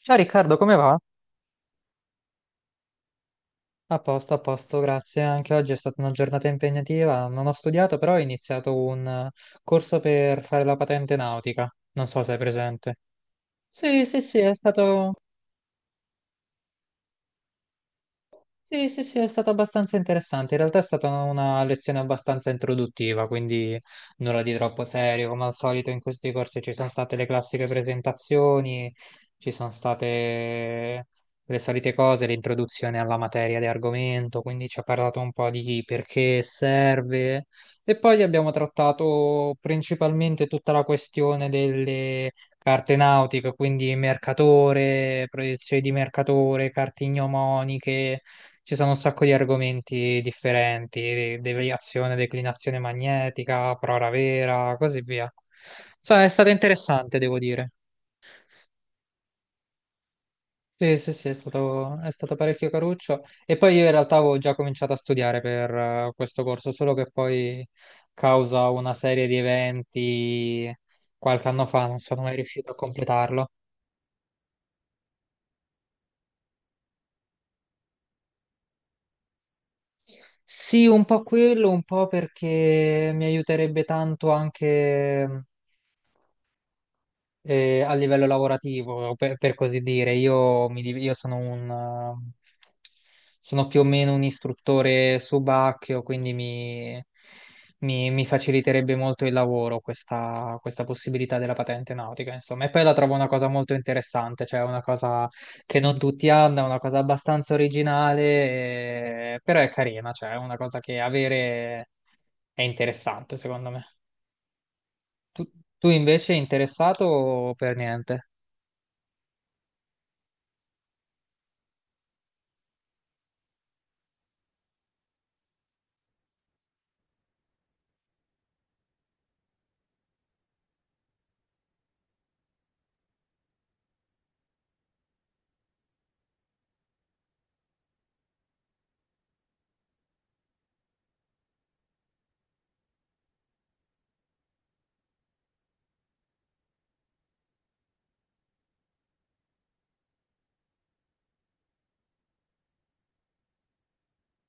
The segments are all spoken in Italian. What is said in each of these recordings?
Ciao Riccardo, come va? A posto, grazie. Anche oggi è stata una giornata impegnativa. Non ho studiato, però ho iniziato un corso per fare la patente nautica. Non so se hai presente. Sì, sì, sì, è stato Sì, sì, sì, è stato abbastanza interessante. In realtà è stata una lezione abbastanza introduttiva, quindi nulla di troppo serio. Come al solito in questi corsi ci sono state le classiche presentazioni, ci sono state le solite cose, l'introduzione alla materia di argomento, quindi ci ha parlato un po' di perché serve. E poi abbiamo trattato principalmente tutta la questione delle carte nautiche, quindi mercatore, proiezioni di mercatore, carte ignomoniche. Ci sono un sacco di argomenti differenti, deviazione, declinazione magnetica, prora vera, così via. Insomma, è stato interessante, devo dire. Sì, sì, sì, è stato parecchio caruccio. E poi io in realtà avevo già cominciato a studiare per questo corso, solo che poi, causa una serie di eventi qualche anno fa, non sono mai riuscito a completarlo. Sì, un po' quello, un po' perché mi aiuterebbe tanto anche. A livello lavorativo, per così dire. Io sono sono più o meno un istruttore subacchio, quindi mi faciliterebbe molto il lavoro questa possibilità della patente nautica, insomma. E poi la trovo una cosa molto interessante, cioè una cosa che non tutti hanno, è una cosa abbastanza originale, però è carina, cioè è una cosa che avere è interessante, secondo me. Tu, tu invece interessato o per niente?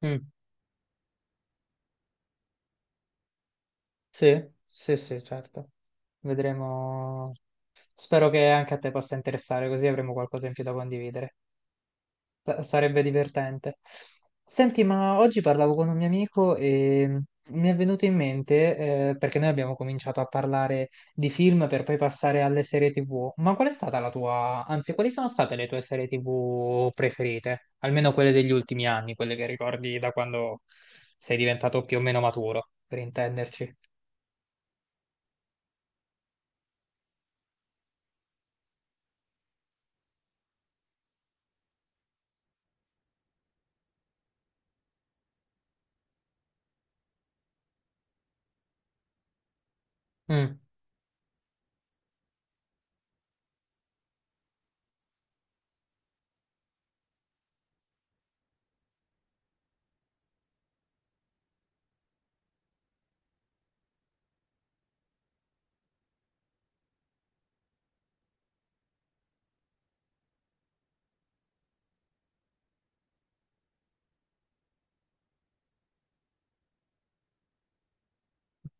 Mm. Sì, sì, sì, certo. Vedremo. Spero che anche a te possa interessare, così avremo qualcosa in più da condividere. Sarebbe divertente. Senti, ma oggi parlavo con un mio amico e mi è venuto in mente, perché noi abbiamo cominciato a parlare di film per poi passare alle serie TV. Ma qual è stata la tua, anzi, quali sono state le tue serie TV preferite? Almeno quelle degli ultimi anni, quelle che ricordi da quando sei diventato più o meno maturo, per intenderci. Mm.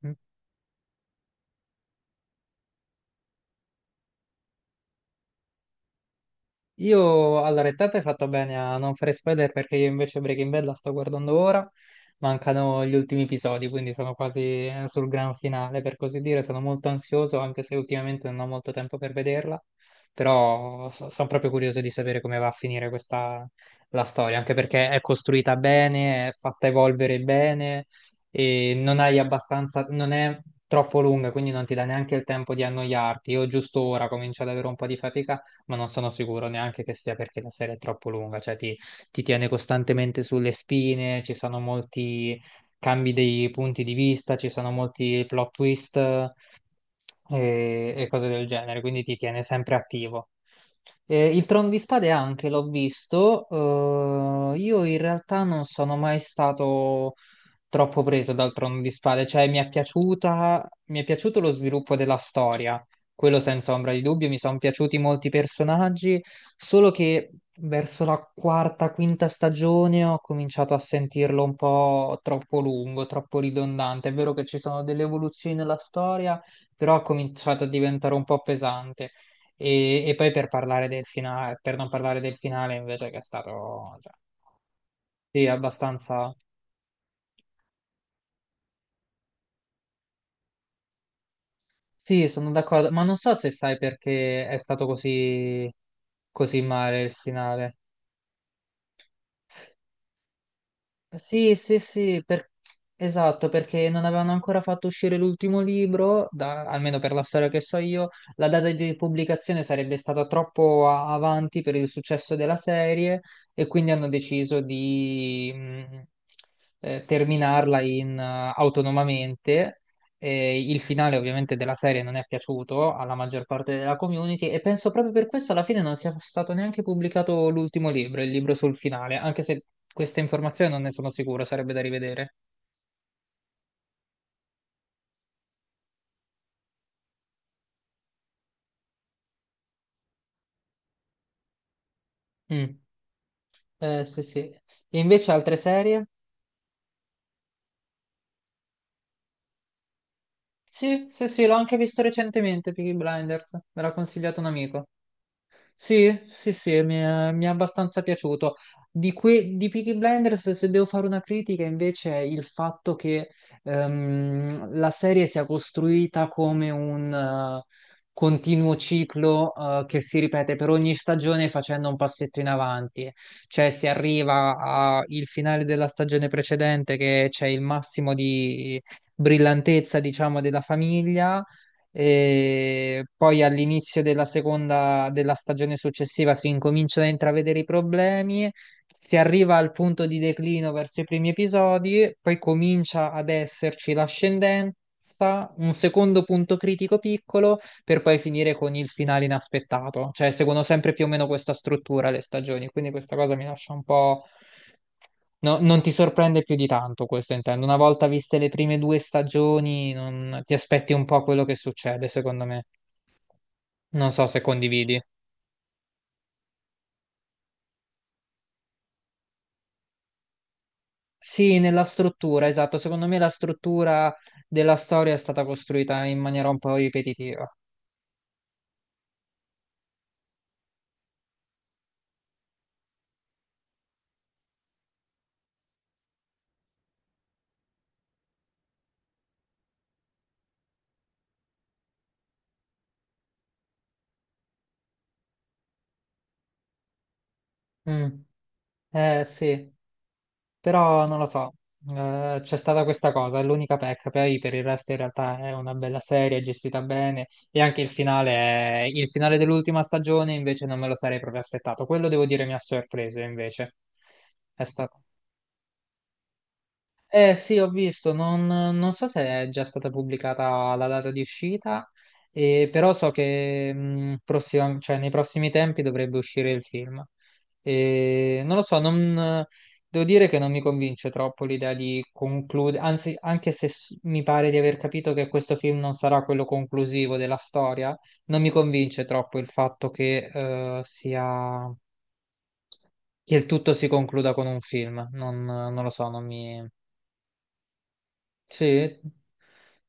Mm. Io, allora, te hai fatto bene a non fare spoiler perché io invece Breaking Bad la sto guardando ora, mancano gli ultimi episodi, quindi sono quasi sul gran finale, per così dire, sono molto ansioso, anche se ultimamente non ho molto tempo per vederla, però sono proprio curioso di sapere come va a finire questa, la storia, anche perché è costruita bene, è fatta evolvere bene e non hai abbastanza, non è troppo lunga, quindi non ti dà neanche il tempo di annoiarti. Io giusto ora comincio ad avere un po' di fatica ma non sono sicuro neanche che sia perché la serie è troppo lunga, cioè ti tiene costantemente sulle spine, ci sono molti cambi dei punti di vista, ci sono molti plot twist e cose del genere, quindi ti tiene sempre attivo. Il Trono di Spade anche l'ho visto, io in realtà non sono mai stato troppo preso dal Trono di Spade, cioè mi è piaciuto lo sviluppo della storia, quello senza ombra di dubbio, mi sono piaciuti molti personaggi, solo che verso la quarta, quinta stagione ho cominciato a sentirlo un po' troppo lungo, troppo ridondante, è vero che ci sono delle evoluzioni nella storia, però ha cominciato a diventare un po' pesante. E poi per parlare del finale, per non parlare del finale invece che è stato, cioè, sì, abbastanza... Sì, sono d'accordo, ma non so se sai perché è stato così, così male il finale. Sì, sì, sì, esatto, perché non avevano ancora fatto uscire l'ultimo libro, almeno per la storia che so io, la data di pubblicazione sarebbe stata troppo avanti per il successo della serie e quindi hanno deciso di terminarla autonomamente e il finale ovviamente della serie non è piaciuto alla maggior parte della community e penso proprio per questo alla fine non sia stato neanche pubblicato l'ultimo libro, il libro sul finale, anche se questa informazione non ne sono sicuro, sarebbe da rivedere. Mm. Sì, sì. E invece altre serie? Sì, sì, sì, l'ho anche visto recentemente, Peaky Blinders, me l'ha consigliato un amico. Sì, sì, sì, mi è abbastanza piaciuto. Di Peaky Blinders, se devo fare una critica, invece, è il fatto che la serie sia costruita come un continuo ciclo che si ripete per ogni stagione facendo un passetto in avanti. Cioè, si arriva al finale della stagione precedente, che c'è il massimo di brillantezza, diciamo, della famiglia e poi all'inizio della seconda della stagione successiva si incominciano a intravedere i problemi, si arriva al punto di declino verso i primi episodi, poi comincia ad esserci l'ascendenza, un secondo punto critico piccolo, per poi finire con il finale inaspettato. Cioè, seguono sempre più o meno questa struttura le stagioni, quindi questa cosa mi lascia un po'. No, non ti sorprende più di tanto questo intendo. Una volta viste le prime due stagioni, ti aspetti un po' quello che succede, secondo me. Non so se condividi. Sì, nella struttura, esatto. Secondo me la struttura della storia è stata costruita in maniera un po' ripetitiva. Mm. Sì. Però non lo so, c'è stata questa cosa, è l'unica pecca, poi per il resto in realtà è una bella serie, è gestita bene e anche il finale, il finale dell'ultima stagione invece non me lo sarei proprio aspettato, quello devo dire mi ha sorpreso invece, è stato... Eh sì, ho visto, non so se è già stata pubblicata la data di uscita, però so che nei prossimi tempi dovrebbe uscire il film. E non lo so, devo dire che non mi convince troppo l'idea di concludere, anzi, anche se mi pare di aver capito che questo film non sarà quello conclusivo della storia, non mi convince troppo il fatto che il tutto si concluda con un film. Non, non lo so, non mi... Sì.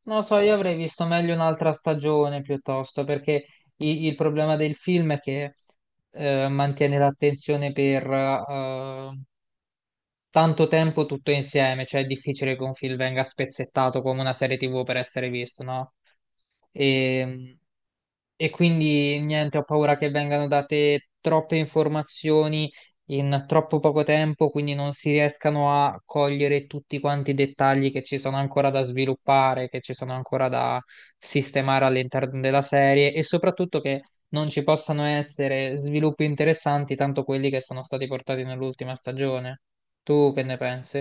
Non lo so, io avrei visto meglio un'altra stagione piuttosto, perché il problema del film è che mantiene l'attenzione per tanto tempo tutto insieme, cioè è difficile che un film venga spezzettato come una serie TV per essere visto, no? E, e quindi niente, ho paura che vengano date troppe informazioni in troppo poco tempo, quindi non si riescano a cogliere tutti quanti i dettagli che ci sono ancora da sviluppare, che ci sono ancora da sistemare all'interno della serie e soprattutto che non ci possano essere sviluppi interessanti, tanto quelli che sono stati portati nell'ultima stagione. Tu che ne pensi?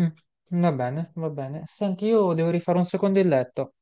Mm, va bene, va bene. Senti, io devo rifare un secondo il letto.